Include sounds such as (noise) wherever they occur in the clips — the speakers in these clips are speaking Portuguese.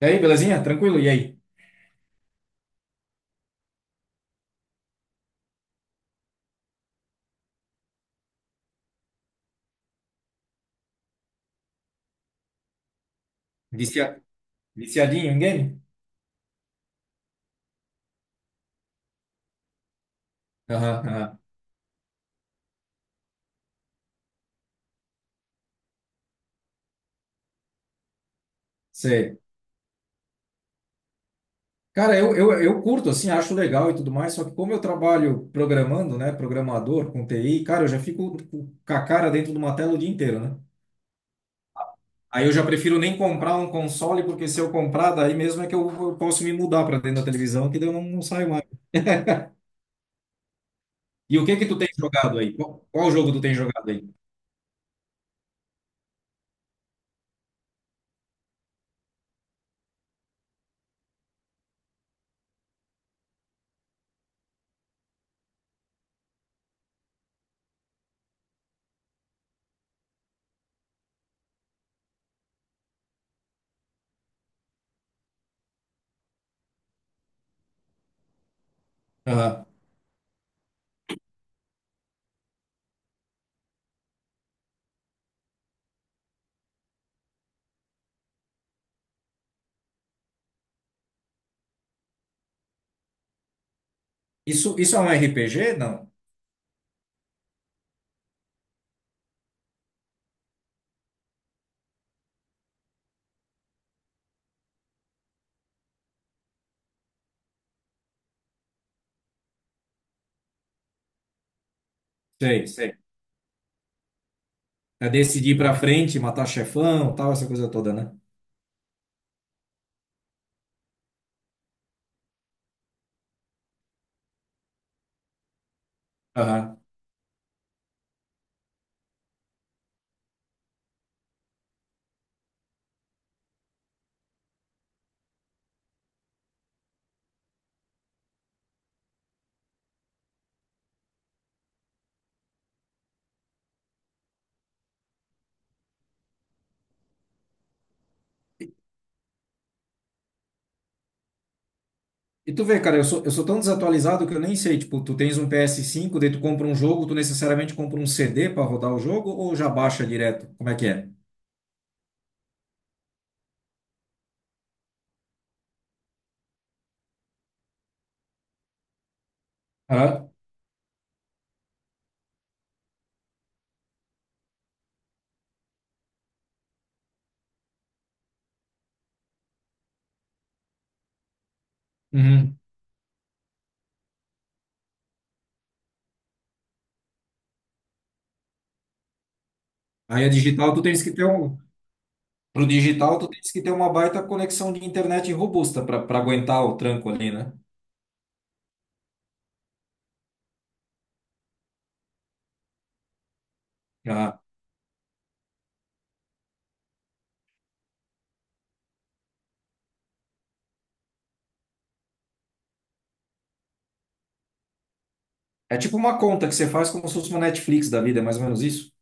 E aí, belezinha? Tranquilo? E aí? Vicia... Viciadinho em game? Aham, aham. Sei. Cara, eu curto, assim, acho legal e tudo mais, só que como eu trabalho programando, né, programador com TI, cara, eu já fico com a cara dentro de uma tela o dia inteiro, né? Aí eu já prefiro nem comprar um console, porque se eu comprar, daí mesmo é que eu posso me mudar para dentro da televisão, que daí eu não saio mais. E o que que tu tem jogado aí? Qual jogo tu tem jogado aí? Aham. Isso é um RPG? Não. Sei, sei. É decidir ir pra frente, matar chefão, tal, essa coisa toda, né? Aham. E e tu vê, cara, eu sou tão desatualizado que eu nem sei. Tipo, tu tens um PS5, daí tu compra um jogo, tu necessariamente compra um CD pra rodar o jogo ou já baixa direto? Como é que é? Aham. Uhum. Aí a digital, tu tens que ter um. Pro digital, tu tens que ter uma baita conexão de internet robusta pra aguentar o tranco ali, né? Aham. É tipo uma conta que você faz como se fosse uma Netflix da vida, é mais ou menos isso?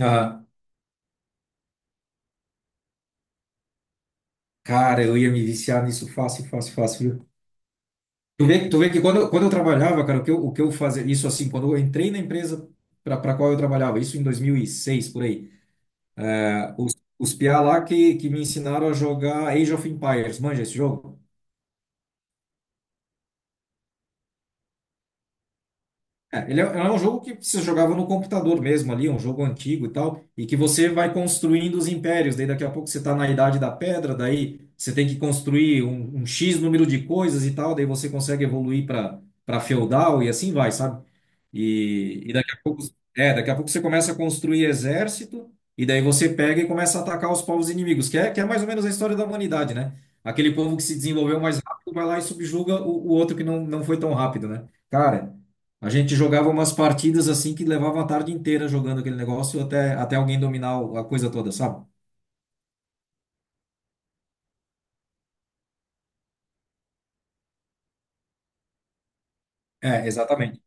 Aham. Cara, eu ia me viciar nisso fácil, fácil, fácil. Tu vê que quando, quando eu trabalhava, cara, o que eu fazia, isso assim, quando eu entrei na empresa para qual eu trabalhava, isso em 2006, por aí, os piá lá que me ensinaram a jogar Age of Empires, manja esse jogo? É, ele é um jogo que você jogava no computador mesmo ali, um jogo antigo e tal, e que você vai construindo os impérios. Daí daqui a pouco você está na Idade da Pedra, daí você tem que construir um X número de coisas e tal, daí você consegue evoluir para feudal e assim vai, sabe? E daqui a pouco, daqui a pouco você começa a construir exército, e daí você pega e começa a atacar os povos inimigos, que é mais ou menos a história da humanidade, né? Aquele povo que se desenvolveu mais rápido vai lá e subjuga o outro que não foi tão rápido, né? Cara, a gente jogava umas partidas assim que levava a tarde inteira jogando aquele negócio até alguém dominar a coisa toda, sabe? É, exatamente.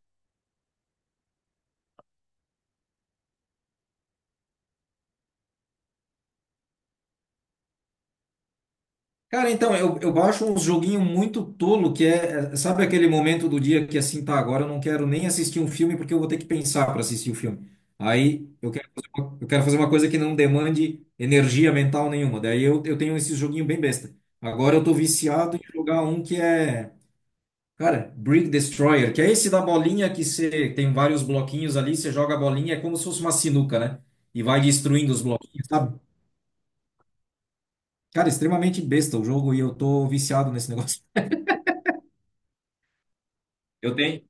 Cara, então, eu baixo uns joguinho muito tolo que é, sabe aquele momento do dia que assim, tá, agora eu não quero nem assistir um filme porque eu vou ter que pensar para assistir o filme. Aí eu quero fazer uma coisa que não demande energia mental nenhuma. Daí eu tenho esse joguinho bem besta. Agora eu tô viciado em jogar um que é. Cara, Brick Destroyer, que é esse da bolinha que você tem vários bloquinhos ali, você joga a bolinha, é como se fosse uma sinuca, né? E vai destruindo os bloquinhos, sabe? Cara, extremamente besta o jogo e eu tô viciado nesse (laughs) negócio. Eu tenho.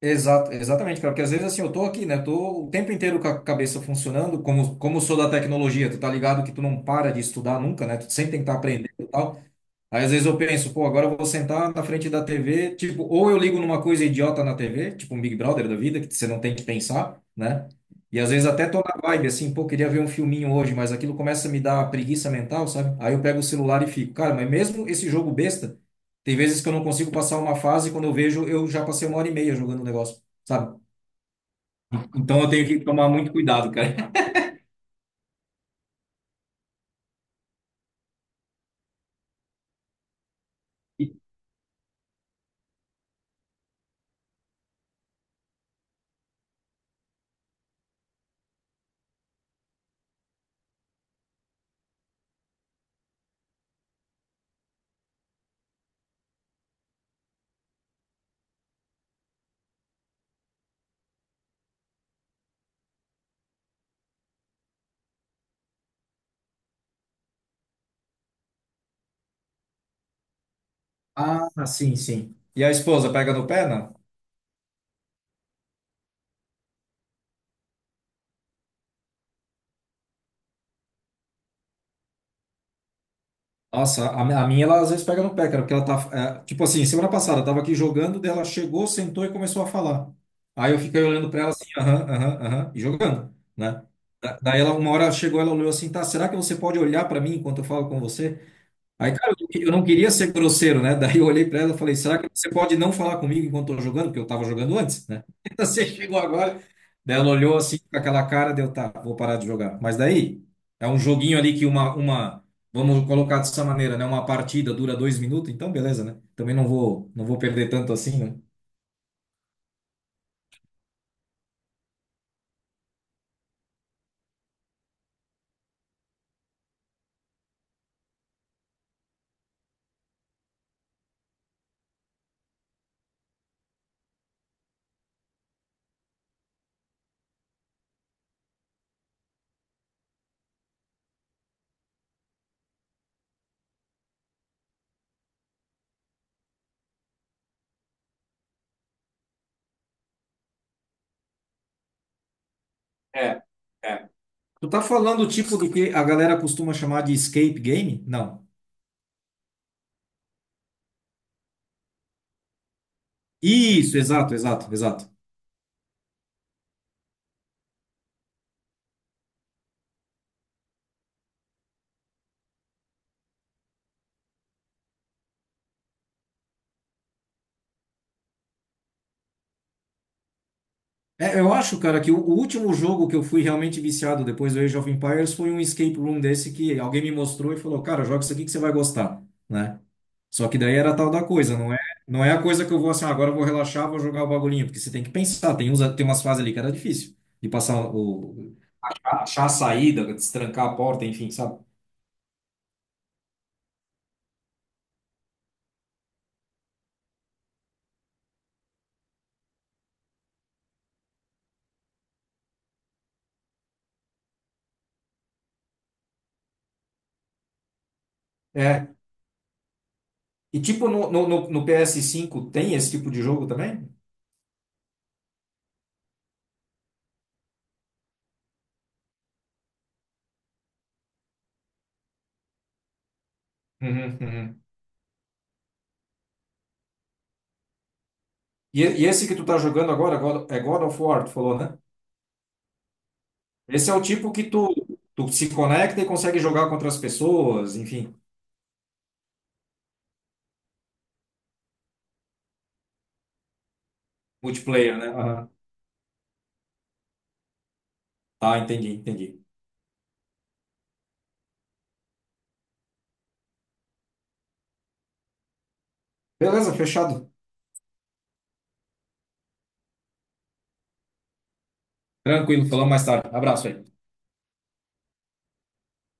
Exato, exatamente, cara, porque às vezes assim, eu tô aqui, né? Tô o tempo inteiro com a cabeça funcionando, como sou da tecnologia, tu tá ligado que tu não para de estudar nunca, né? Tu sempre tem que estar aprendendo e tal. Aí às vezes eu penso, pô, agora eu vou sentar na frente da TV, tipo, ou eu ligo numa coisa idiota na TV, tipo um Big Brother da vida, que você não tem que pensar, né? E às vezes até tô na vibe, assim, pô, queria ver um filminho hoje, mas aquilo começa a me dar preguiça mental, sabe? Aí eu pego o celular e fico, cara, mas mesmo esse jogo besta, tem vezes que eu não consigo passar uma fase e quando eu vejo, eu já passei uma hora e meia jogando o negócio, sabe? Então eu tenho que tomar muito cuidado, cara. (laughs) Ah, sim, sim. E a esposa pega no pé, né? Nossa, a minha, ela às vezes pega no pé, cara, porque ela tá, tipo assim, semana passada, eu tava aqui jogando, daí ela chegou, sentou e começou a falar. Aí eu fiquei olhando pra ela assim, aham, aham, aham, e jogando, né? Daí ela, uma hora chegou, ela olhou assim, tá, será que você pode olhar pra mim enquanto eu falo com você? Aí, cara, eu não queria ser grosseiro, né? Daí eu olhei pra ela e falei, será que você pode não falar comigo enquanto eu tô jogando? Porque eu tava jogando antes, né? (laughs) Você chegou agora. Daí ela olhou assim com aquela cara, deu, tá, vou parar de jogar. Mas daí, é um joguinho ali que vamos colocar dessa maneira, né? Uma partida dura 2 minutos, então beleza, né? Também não vou perder tanto assim, né? É, é. Tu tá falando o tipo do que a galera costuma chamar de escape game? Não. Isso, exato, exato, exato. É, eu acho, cara, que o último jogo que eu fui realmente viciado depois do Age of Empires foi um escape room desse que alguém me mostrou e falou, cara, joga isso aqui que você vai gostar, né? Só que daí era tal da coisa, não é a coisa que eu vou assim, ah, agora eu vou relaxar, vou jogar o bagulhinho, porque você tem que pensar, tem umas fases ali que era difícil de passar achar a saída, destrancar a porta, enfim, sabe? É. E tipo no PS5 tem esse tipo de jogo também? Uhum, uhum. E esse que tu tá jogando agora, é God of War, tu falou, né? Esse é o tipo que tu se conecta e consegue jogar contra as pessoas, enfim, multiplayer, né? Aham. Tá, entendi, entendi. Beleza, fechado. Tranquilo, falamos mais tarde. Abraço aí.